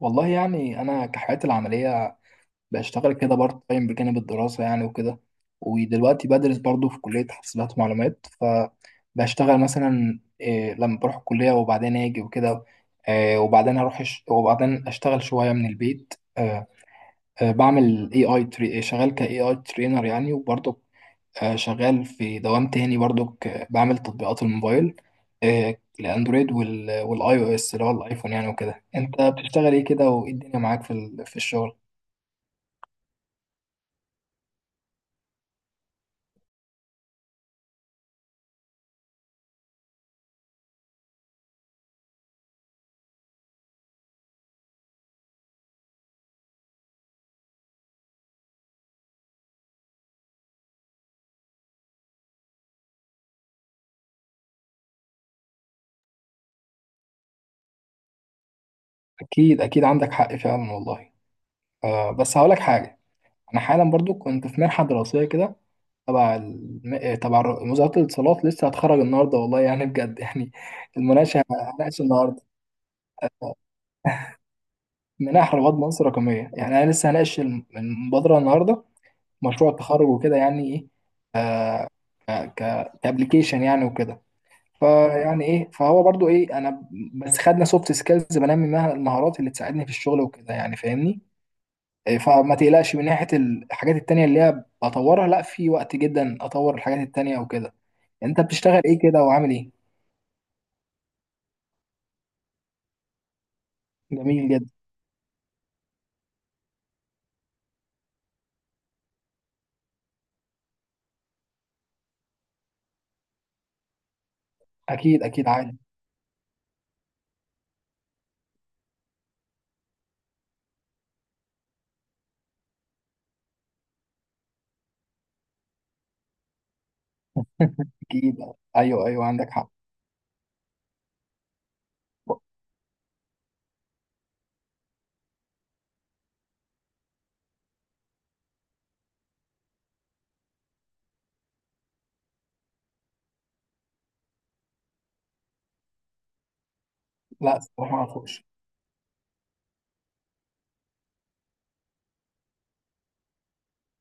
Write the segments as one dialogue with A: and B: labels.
A: والله يعني انا كحياتي العمليه بشتغل كده بارت تايم بجانب الدراسه يعني وكده. ودلوقتي بدرس برضو في كليه حاسبات ومعلومات، فبشتغل مثلا إيه لما بروح الكليه وبعدين اجي وكده. وبعدين اروح وبعدين اشتغل شويه من البيت. بعمل اي اي شغال كاي اي ترينر يعني وبرضو شغال في دوام تاني برضو، بعمل تطبيقات الموبايل. الاندرويد والاي او اس اللي هو الايفون يعني وكده. انت بتشتغل ايه كده وايه الدنيا معاك في الشغل؟ اكيد اكيد عندك حق فعلا والله. بس هقولك حاجه، انا حالا برضو كنت في منحه دراسيه كده تبع الم- آه، تبع الر- وزاره الاتصالات، لسه هتخرج النهارده والله يعني بجد يعني. المناقشه، هناقش النهارده. منح رواد مصر رقميه يعني، انا لسه هناقش المبادره النهارده، مشروع التخرج وكده يعني ايه. ك كابلكيشن يعني وكده. فيعني ايه، فهو برضو ايه، انا بس خدنا سوفت سكيلز، بنمي منها المهارات اللي تساعدني في الشغل وكده يعني، فاهمني. إيه، فما تقلقش من ناحية الحاجات التانية اللي هي بطورها، لا في وقت جدا اطور الحاجات التانية وكده. انت بتشتغل ايه كده وعامل ايه؟ جميل جدا. اكيد اكيد عادي. اكيد. ايوه ايوه عندك حق. لا الصراحة ما اعرفوش.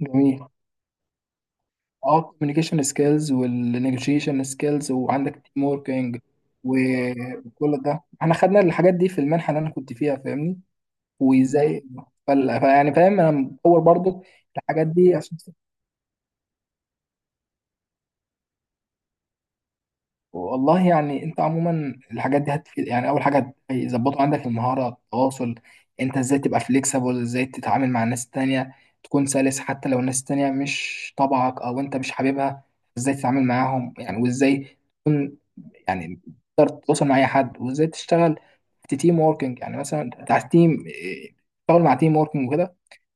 A: جميل. اه، كوميونيكيشن سكيلز والنيجوشيشن سكيلز وعندك تيم ووركينج. وكل ده احنا خدنا الحاجات دي في المنحه اللي انا كنت فيها، فاهمني. وازاي؟ فيعني فاهم، انا مطور برضو الحاجات دي عشان. والله يعني انت عموما الحاجات دي هتفيد يعني. اول حاجه هيظبطوا عندك المهاره، التواصل. انت ازاي تبقى فليكسبل، ازاي تتعامل مع الناس التانية، تكون سلس حتى لو الناس التانية مش طبعك او انت مش حاببها. ازاي تتعامل معاهم يعني، وازاي يعني تقدر تتواصل مع اي حد، وازاي تشتغل في تيم ووركينج. يعني مثلا تحت تيم تشتغل مع تيم ووركينج وكده.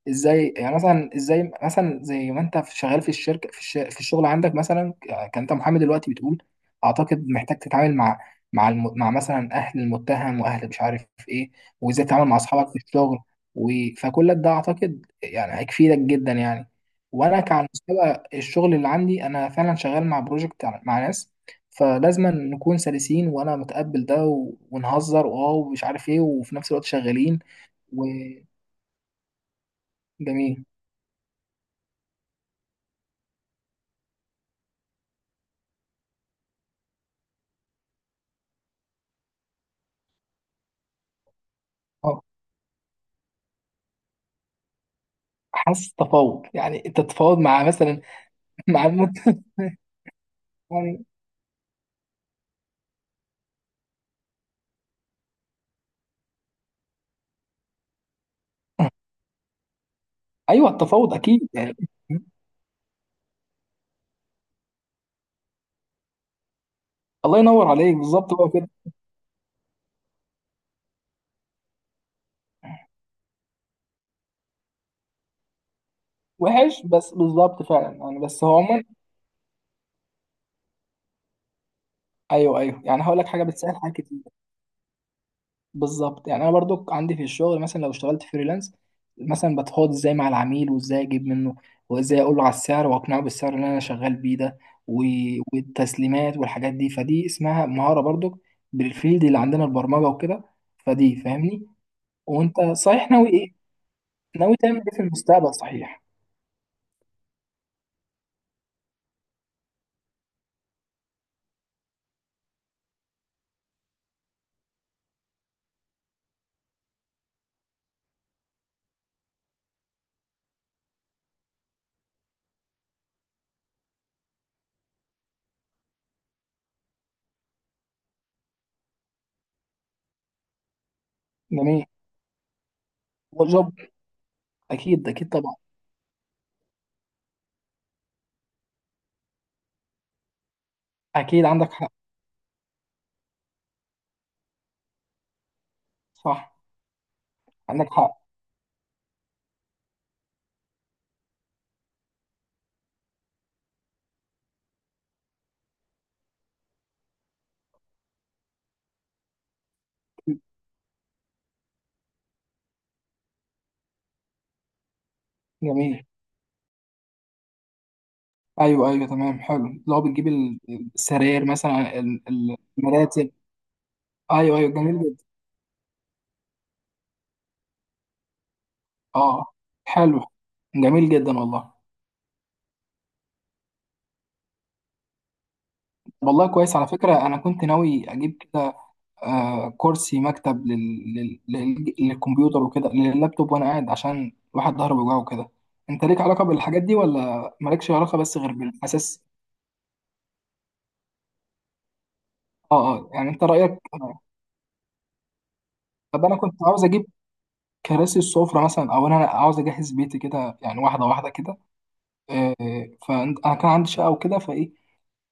A: ازاي يعني، مثلا ازاي، مثلا زي ما انت شغال في الشركه في الشغل عندك مثلا. كان انت محامي دلوقتي بتقول، اعتقد محتاج تتعامل مع مع مثلا اهل المتهم واهل مش عارف ايه. وازاي تتعامل مع اصحابك في الشغل و... فكل ده اعتقد يعني هيفيدك جدا يعني. وانا كعلى مستوى الشغل اللي عندي، انا فعلا شغال مع بروجكت مع ناس، فلازم نكون سلسين، وانا متقبل ده ونهزر واو ومش عارف ايه، وفي نفس الوقت شغالين. وجميل. حاسس تفاوض، يعني انت تتفاوض مع مثلا. مع المت... يعني ايوه، التفاوض اكيد يعني. الله ينور عليك، بالظبط هو كده. وحش، بس بالظبط فعلا يعني. بس هو عموما ايوه ايوه يعني، هقول لك حاجه بتسهل حاجه كتير. بالظبط يعني. انا برضو عندي في الشغل مثلا لو اشتغلت فريلانس، مثلا بتفاوض ازاي مع العميل، وازاي اجيب منه، وازاي اقول له على السعر واقنعه بالسعر اللي انا شغال بيه ده و... والتسليمات والحاجات دي، فدي اسمها مهاره برضو بالفيلد اللي عندنا البرمجه وكده، فدي فاهمني. وانت صحيح ناوي ايه، ناوي تعمل ايه في المستقبل صحيح؟ جميل. وجب. اكيد اكيد طبعا. اكيد عندك حق. صح. عندك حق. جميل. ايوه ايوه تمام. حلو. لو بتجيب السراير مثلا، المراتب. ايوه ايوه جميل جدا. اه. حلو. جميل جدا والله. والله كويس على فكرة، انا كنت ناوي اجيب كده كرسي مكتب للكمبيوتر وكده، لللابتوب، وانا قاعد عشان الواحد ظهره بيوجعه وكده. انت ليك علاقه بالحاجات دي، ولا مالكش علاقه بس غير بالاساس؟ اه اه، يعني انت رايك. طب انا كنت عاوز اجيب كراسي السفره مثلا، او انا عاوز اجهز بيتي كده يعني، واحده واحده كده. فانا كان عندي شقه وكده، فايه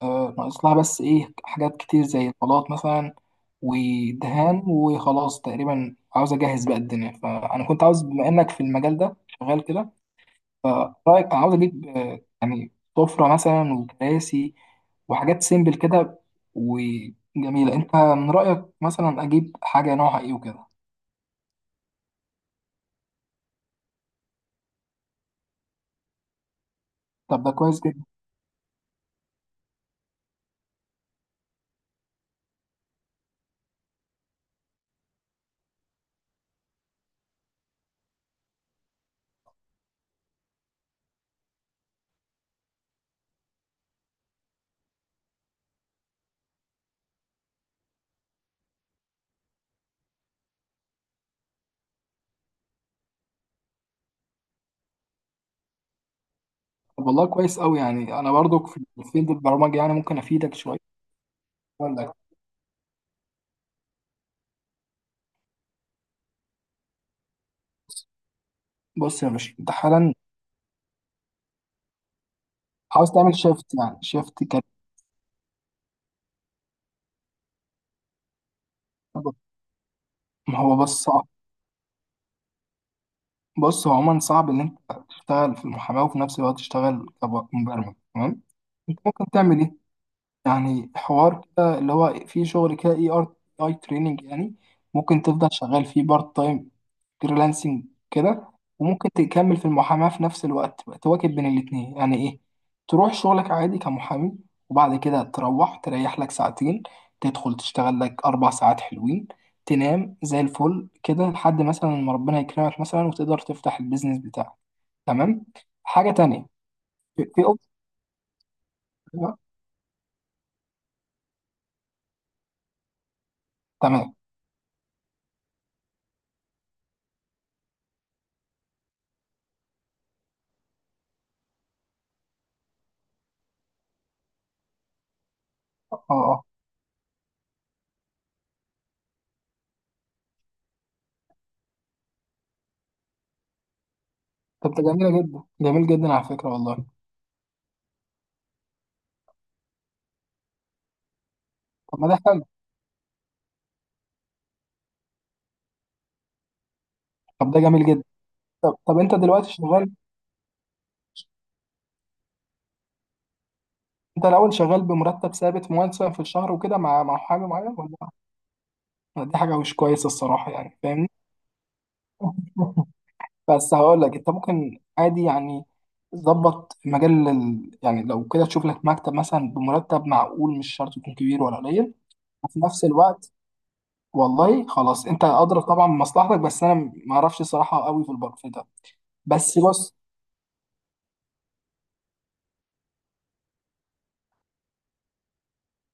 A: ناقص لها بس، ايه، حاجات كتير زي البلاط مثلا ودهان وخلاص، تقريبا عاوز اجهز بقى الدنيا. فانا كنت عاوز، بما انك في المجال ده شغال كده، فرأيك عاوز أجيب يعني سفرة مثلا وكراسي وحاجات سيمبل كده وجميلة. أنت من رأيك مثلا أجيب حاجة نوعها إيه وكده؟ طب ده كويس جدا. طب والله كويس أوي يعني. أنا برضك في فيلد البرمجة، يعني ممكن أفيدك شوية. أقول لك. بص يا باشا، أنت حالا عاوز تعمل شيفت يعني، شيفت كارير. ما هو بس صعب. بص، هو عموما صعب إن أنت تشتغل في المحاماة وفي نفس الوقت تشتغل كمبرمج، تمام. أنت ممكن تعمل إيه؟ يعني حوار كده اللي هو في شغل كده، اي ار، اي تريننج يعني، ممكن تفضل شغال فيه بارت تايم، فريلانسنج كده. وممكن تكمل في المحاماة في نفس الوقت، تبقى تواكب بين الاتنين. يعني ايه، تروح شغلك عادي كمحامي، وبعد كده تروح تريح لك ساعتين، تدخل تشتغل لك أربع ساعات حلوين، تنام زي الفل كده لحد مثلا ما ربنا يكرمك مثلا وتقدر تفتح البيزنس بتاعك. تمام. حاجة تانية، في أوبشن. تمام. اه، آه. طب ده جميلة جدا، جميل جدا على فكرة والله. طب ما ده حلو. طب ده جميل جدا. طب طب، انت دلوقتي شغال، انت الاول شغال بمرتب ثابت مثلا في الشهر وكده، مع محامي معين، ولا؟ دي حاجة مش كويسة الصراحة يعني، فاهمني. بس هقول لك، انت ممكن عادي يعني، ظبط مجال يعني لو كده تشوف لك مكتب مثلا بمرتب معقول، مش شرط يكون كبير ولا قليل، وفي نفس الوقت. والله خلاص، انت ادرى طبعا بمصلحتك، بس انا ما اعرفش الصراحة قوي في البر في ده. بس بص.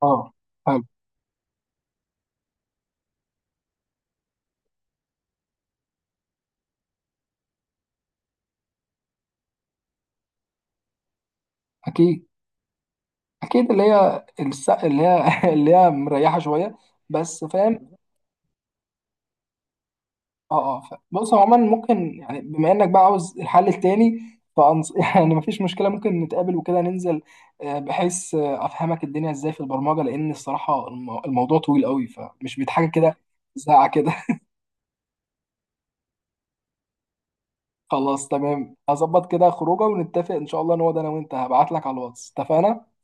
A: اه. حلو. اكيد اكيد. اللي هي اللي هي اللي هي مريحه شويه، بس فاهم. اه اه. بص، هو عموما ممكن يعني بما انك بقى عاوز الحل التاني. يعني مفيش مشكله، ممكن نتقابل وكده، ننزل بحيث افهمك الدنيا ازاي في البرمجه، لان الصراحه الموضوع طويل قوي، فمش بيت حاجه كده، ساعه كده. خلاص تمام، هظبط كده خروجه ونتفق ان شاء الله نقعد انا وانت، هبعت لك على الواتس، اتفقنا؟